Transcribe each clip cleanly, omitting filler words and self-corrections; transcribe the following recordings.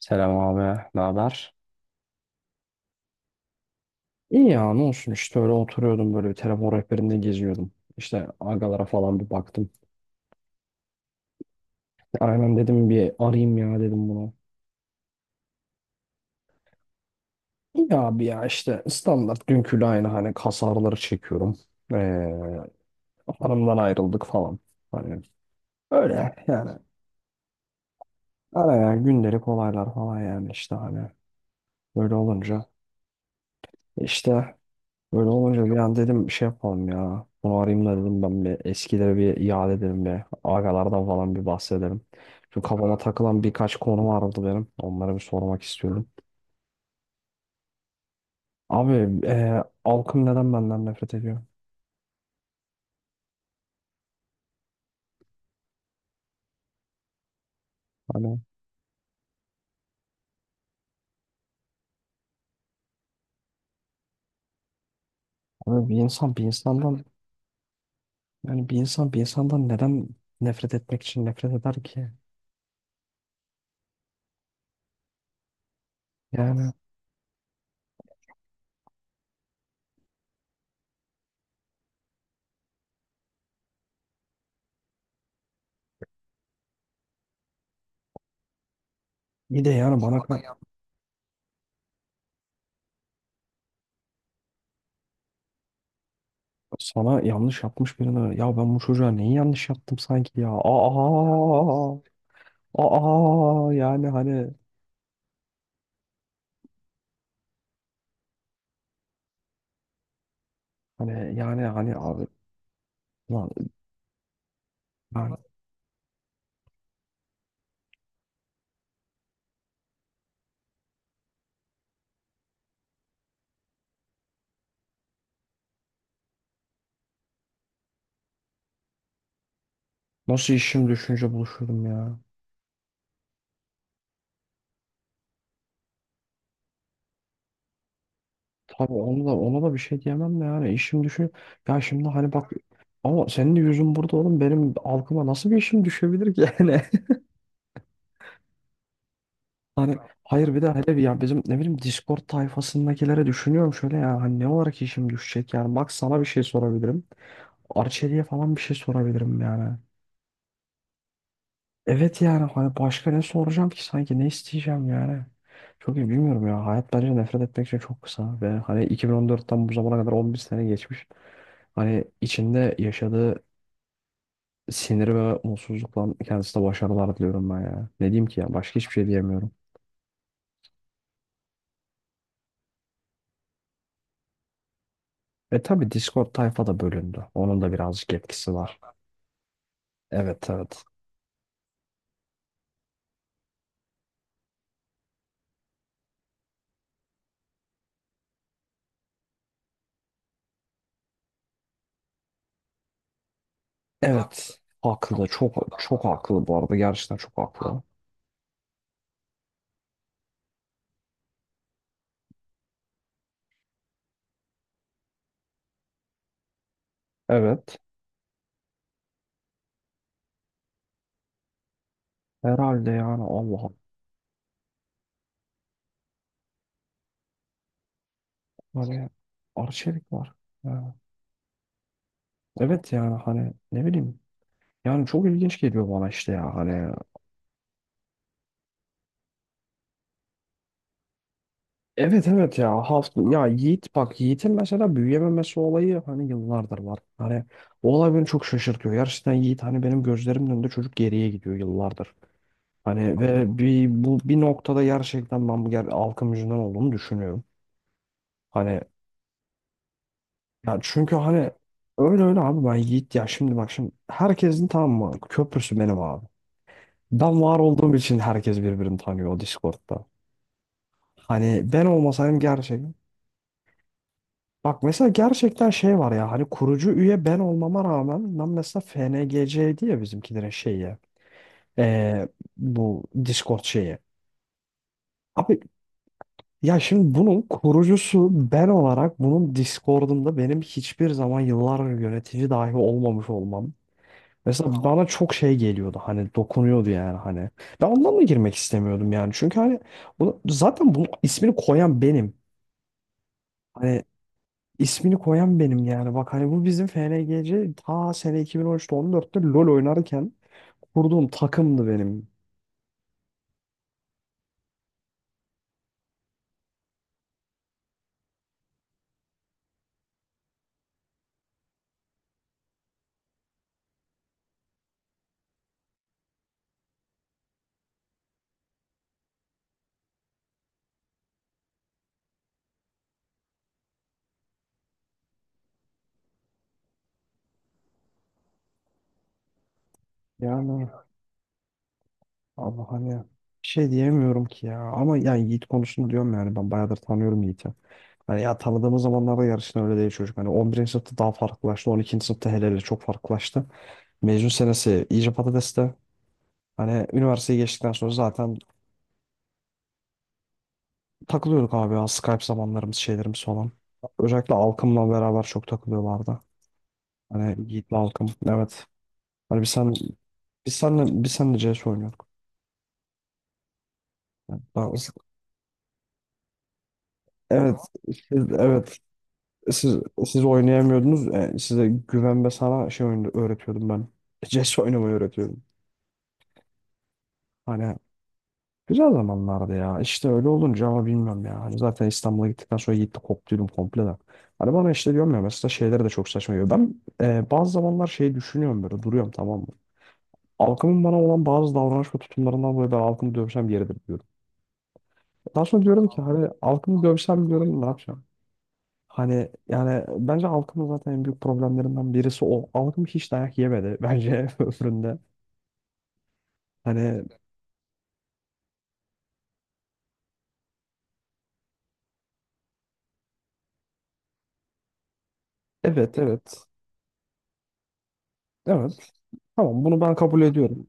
Selam abi, ne haber? İyi ya, ne olsun işte öyle oturuyordum böyle bir telefon rehberinde geziyordum. İşte agalara falan bir baktım. Aynen dedim bir arayayım ya dedim bunu. İyi abi ya işte standart dünküyle aynı hani kas ağrıları çekiyorum. Ee, hanımdan ayrıldık falan. Hani öyle yani. Araya gündelik olaylar falan yani işte hani böyle olunca. İşte. Böyle olunca bir an dedim şey yapalım ya. Bunu arayayım da dedim ben bir eskileri bir iade edelim bir. Agalardan falan bir bahsedelim. Çünkü kafama takılan birkaç konu vardı benim. Onları bir sormak istiyorum. Abi halkım neden benden nefret ediyor? Hani abi bir insan bir insandan yani bir insan bir insandan neden nefret etmek için nefret eder ki? Yani bir de yani sana yanlış yapmış birine ya ben bu çocuğa neyi yanlış yaptım sanki ya. Aa, aa, aa yani hani hani yani hani abi lan, ben nasıl işim düşünce buluşurdum ya. Tabii onu da ona da bir şey diyemem de yani işim düşün. Ya şimdi hani bak ama senin de yüzün burada oğlum benim algıma nasıl bir işim düşebilir ki yani. Hani hayır bir de hele bir ya bizim ne bileyim Discord tayfasındakilere düşünüyorum şöyle ya hani ne olarak işim düşecek yani bak sana bir şey sorabilirim. Arçelik'e falan bir şey sorabilirim yani. Evet yani hani başka ne soracağım ki sanki ne isteyeceğim yani. Çok iyi bilmiyorum ya. Hayat bence nefret etmek için çok kısa. Ve hani 2014'ten bu zamana kadar 11 sene geçmiş. Hani içinde yaşadığı sinir ve mutsuzlukla kendisine başarılar diliyorum ben ya. Ne diyeyim ki ya başka hiçbir şey diyemiyorum. E tabi Discord tayfa da bölündü. Onun da birazcık etkisi var. Evet, evet. Evet. Haklı. Çok çok haklı bu arada. Gerçekten çok haklı. Evet. Herhalde yani Allah. Hani Arçelik var. Ha. Evet yani hani ne bileyim. Yani çok ilginç geliyor bana işte ya hani. Evet, evet ya hafta ya Yiğit bak Yiğit'in mesela büyüyememesi olayı hani yıllardır var. Hani o olay beni çok şaşırtıyor. Gerçekten Yiğit hani benim gözlerimin önünde çocuk geriye gidiyor yıllardır. Hani ve bu bir noktada gerçekten ben bu halkım yüzünden olduğunu düşünüyorum. Hani ya çünkü hani öyle öyle abi ben Yiğit ya şimdi bak şimdi herkesin tamam mı köprüsü benim abi. Ben var olduğum için herkes birbirini tanıyor o Discord'da. Hani ben olmasaydım gerçekten. Bak mesela gerçekten şey var ya hani kurucu üye ben olmama rağmen ben mesela FNGC'ydi ya bizimkilerin şeyi. Ee, bu Discord şeyi. Abi ya şimdi bunun kurucusu ben olarak bunun Discord'unda benim hiçbir zaman yıllar yönetici dahi olmamış olmam. Mesela bana çok şey geliyordu hani dokunuyordu yani hani. Ben ondan da girmek istemiyordum yani. Çünkü hani bunu, zaten bunun ismini koyan benim. Hani ismini koyan benim yani. Bak hani bu bizim FNGC ta sene 2013'te 14'te LoL oynarken kurduğum takımdı benim. Yani Allah hani bir şey diyemiyorum ki ya. Ama yani Yiğit konusunu diyorum yani ben bayağıdır tanıyorum Yiğit'i. Hani ya tanıdığımız zamanlarda yarışın öyle değil çocuk. Hani 11. sınıfta daha farklılaştı. 12. sınıfta hele hele çok farklılaştı. Mezun senesi iyice patateste. Hani üniversiteyi geçtikten sonra zaten takılıyorduk abi ya Skype zamanlarımız şeylerimiz falan. Özellikle Alkım'la beraber çok takılıyorlardı. Hani Yiğit'le Alkım, evet. Hani biz senle CS oynuyorduk. Yani evet siz, evet siz siz oynayamıyordunuz. E, size güven ve sana şey oyunu öğretiyordum ben. CS oynamayı öğretiyordum. Hani güzel zamanlardı ya. İşte öyle olunca ama bilmiyorum ya. Hani zaten İstanbul'a gittikten sonra gitti koptuydum komple de. Hani bana işte diyorum ya mesela şeyleri de çok saçma geliyor. Ben bazı zamanlar şey düşünüyorum böyle duruyorum tamam mı? Halkımın bana olan bazı davranış ve tutumlarından dolayı ben halkımı dövsem yeridir diyorum. Daha sonra diyorum ki hani halkımı dövsem diyorum ne yapacağım? Hani yani bence halkımın zaten en büyük problemlerinden birisi o. Halkım hiç dayak yemedi bence ömründe. Hani, evet, evet, evet, tamam, bunu ben kabul ediyorum.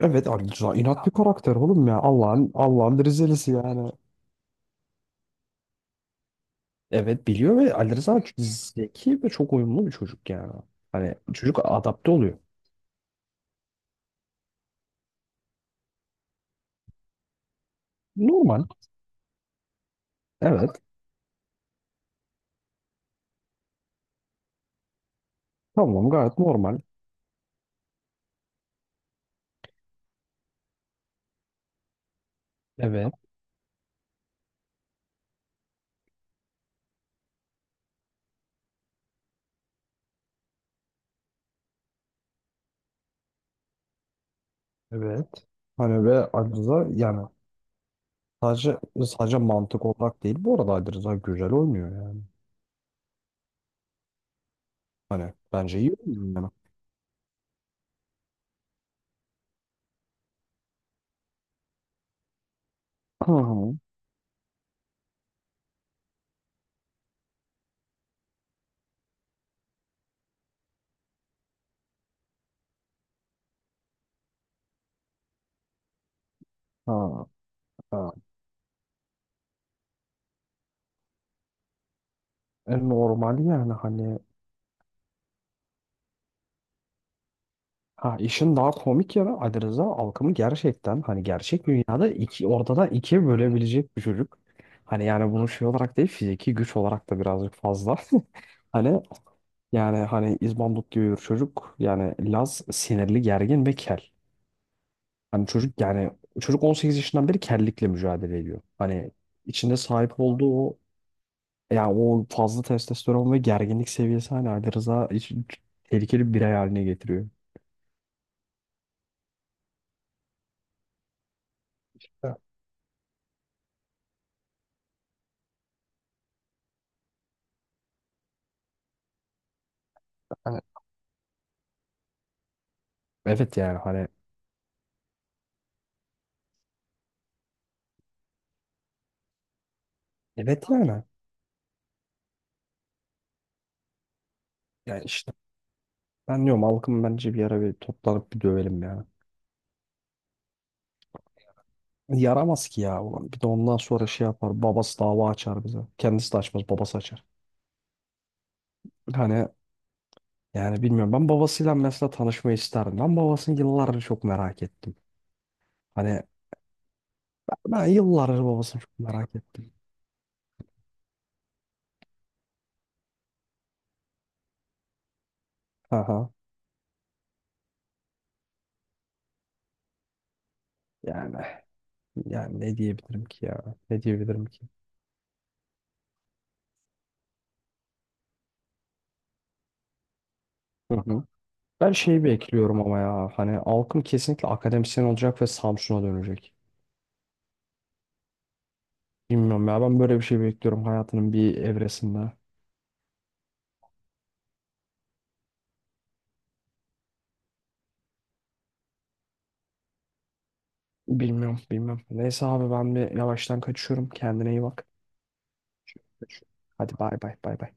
Evet, Ali Rıza inat bir karakter oğlum ya. Allah'ın bir Rizelisi yani. Evet biliyor ve Ali Rıza çok zeki ve çok uyumlu bir çocuk yani. Hani çocuk adapte oluyor. Normal. Evet. Tamam, gayet normal. Evet. Evet. Hani ve Ali Rıza yani sadece sadece mantık olarak değil. Bu arada Ali Rıza güzel oynuyor yani. Hani bence iyi oynuyor yani. Hı hı. Ha, ha. E, normal yani hani. Ha, işin daha komik yanı Ali Rıza Alkım'ı gerçekten hani gerçek dünyada ortadan ikiye bölebilecek bir çocuk. Hani yani bunu şey olarak değil fiziki güç olarak da birazcık fazla. Hani yani hani İzbandut gibi bir çocuk yani Laz, sinirli, gergin ve kel. Hani çocuk yani çocuk 18 yaşından beri kellikle mücadele ediyor. Hani içinde sahip olduğu o yani o fazla testosteron ve gerginlik seviyesi hani Ali Rıza tehlikeli bir birey haline getiriyor. Evet, hani, evet yani hani evet yani. Yani işte ben diyorum halkım bence bir ara bir toplanıp bir dövelim ya. Yaramaz ki ya. Ulan. Bir de ondan sonra şey yapar. Babası dava açar bize. Kendisi de açmaz. Babası açar. Hani yani bilmiyorum. Ben babasıyla mesela tanışmayı isterdim. Ben babasını yıllardır çok merak ettim. Hani ben yıllardır babasını çok merak ettim. Aha. Yani yani ne diyebilirim ki ya? Ne diyebilirim ki? Hı hı. Ben şeyi bekliyorum ama ya. Hani halkım kesinlikle akademisyen olacak ve Samsun'a dönecek. Bilmiyorum ya ben böyle bir şey bekliyorum hayatının bir evresinde. Bilmiyorum, bilmiyorum. Neyse abi ben bir yavaştan kaçıyorum. Kendine iyi bak. Kaçıyorum. Hadi bay bay bay bay.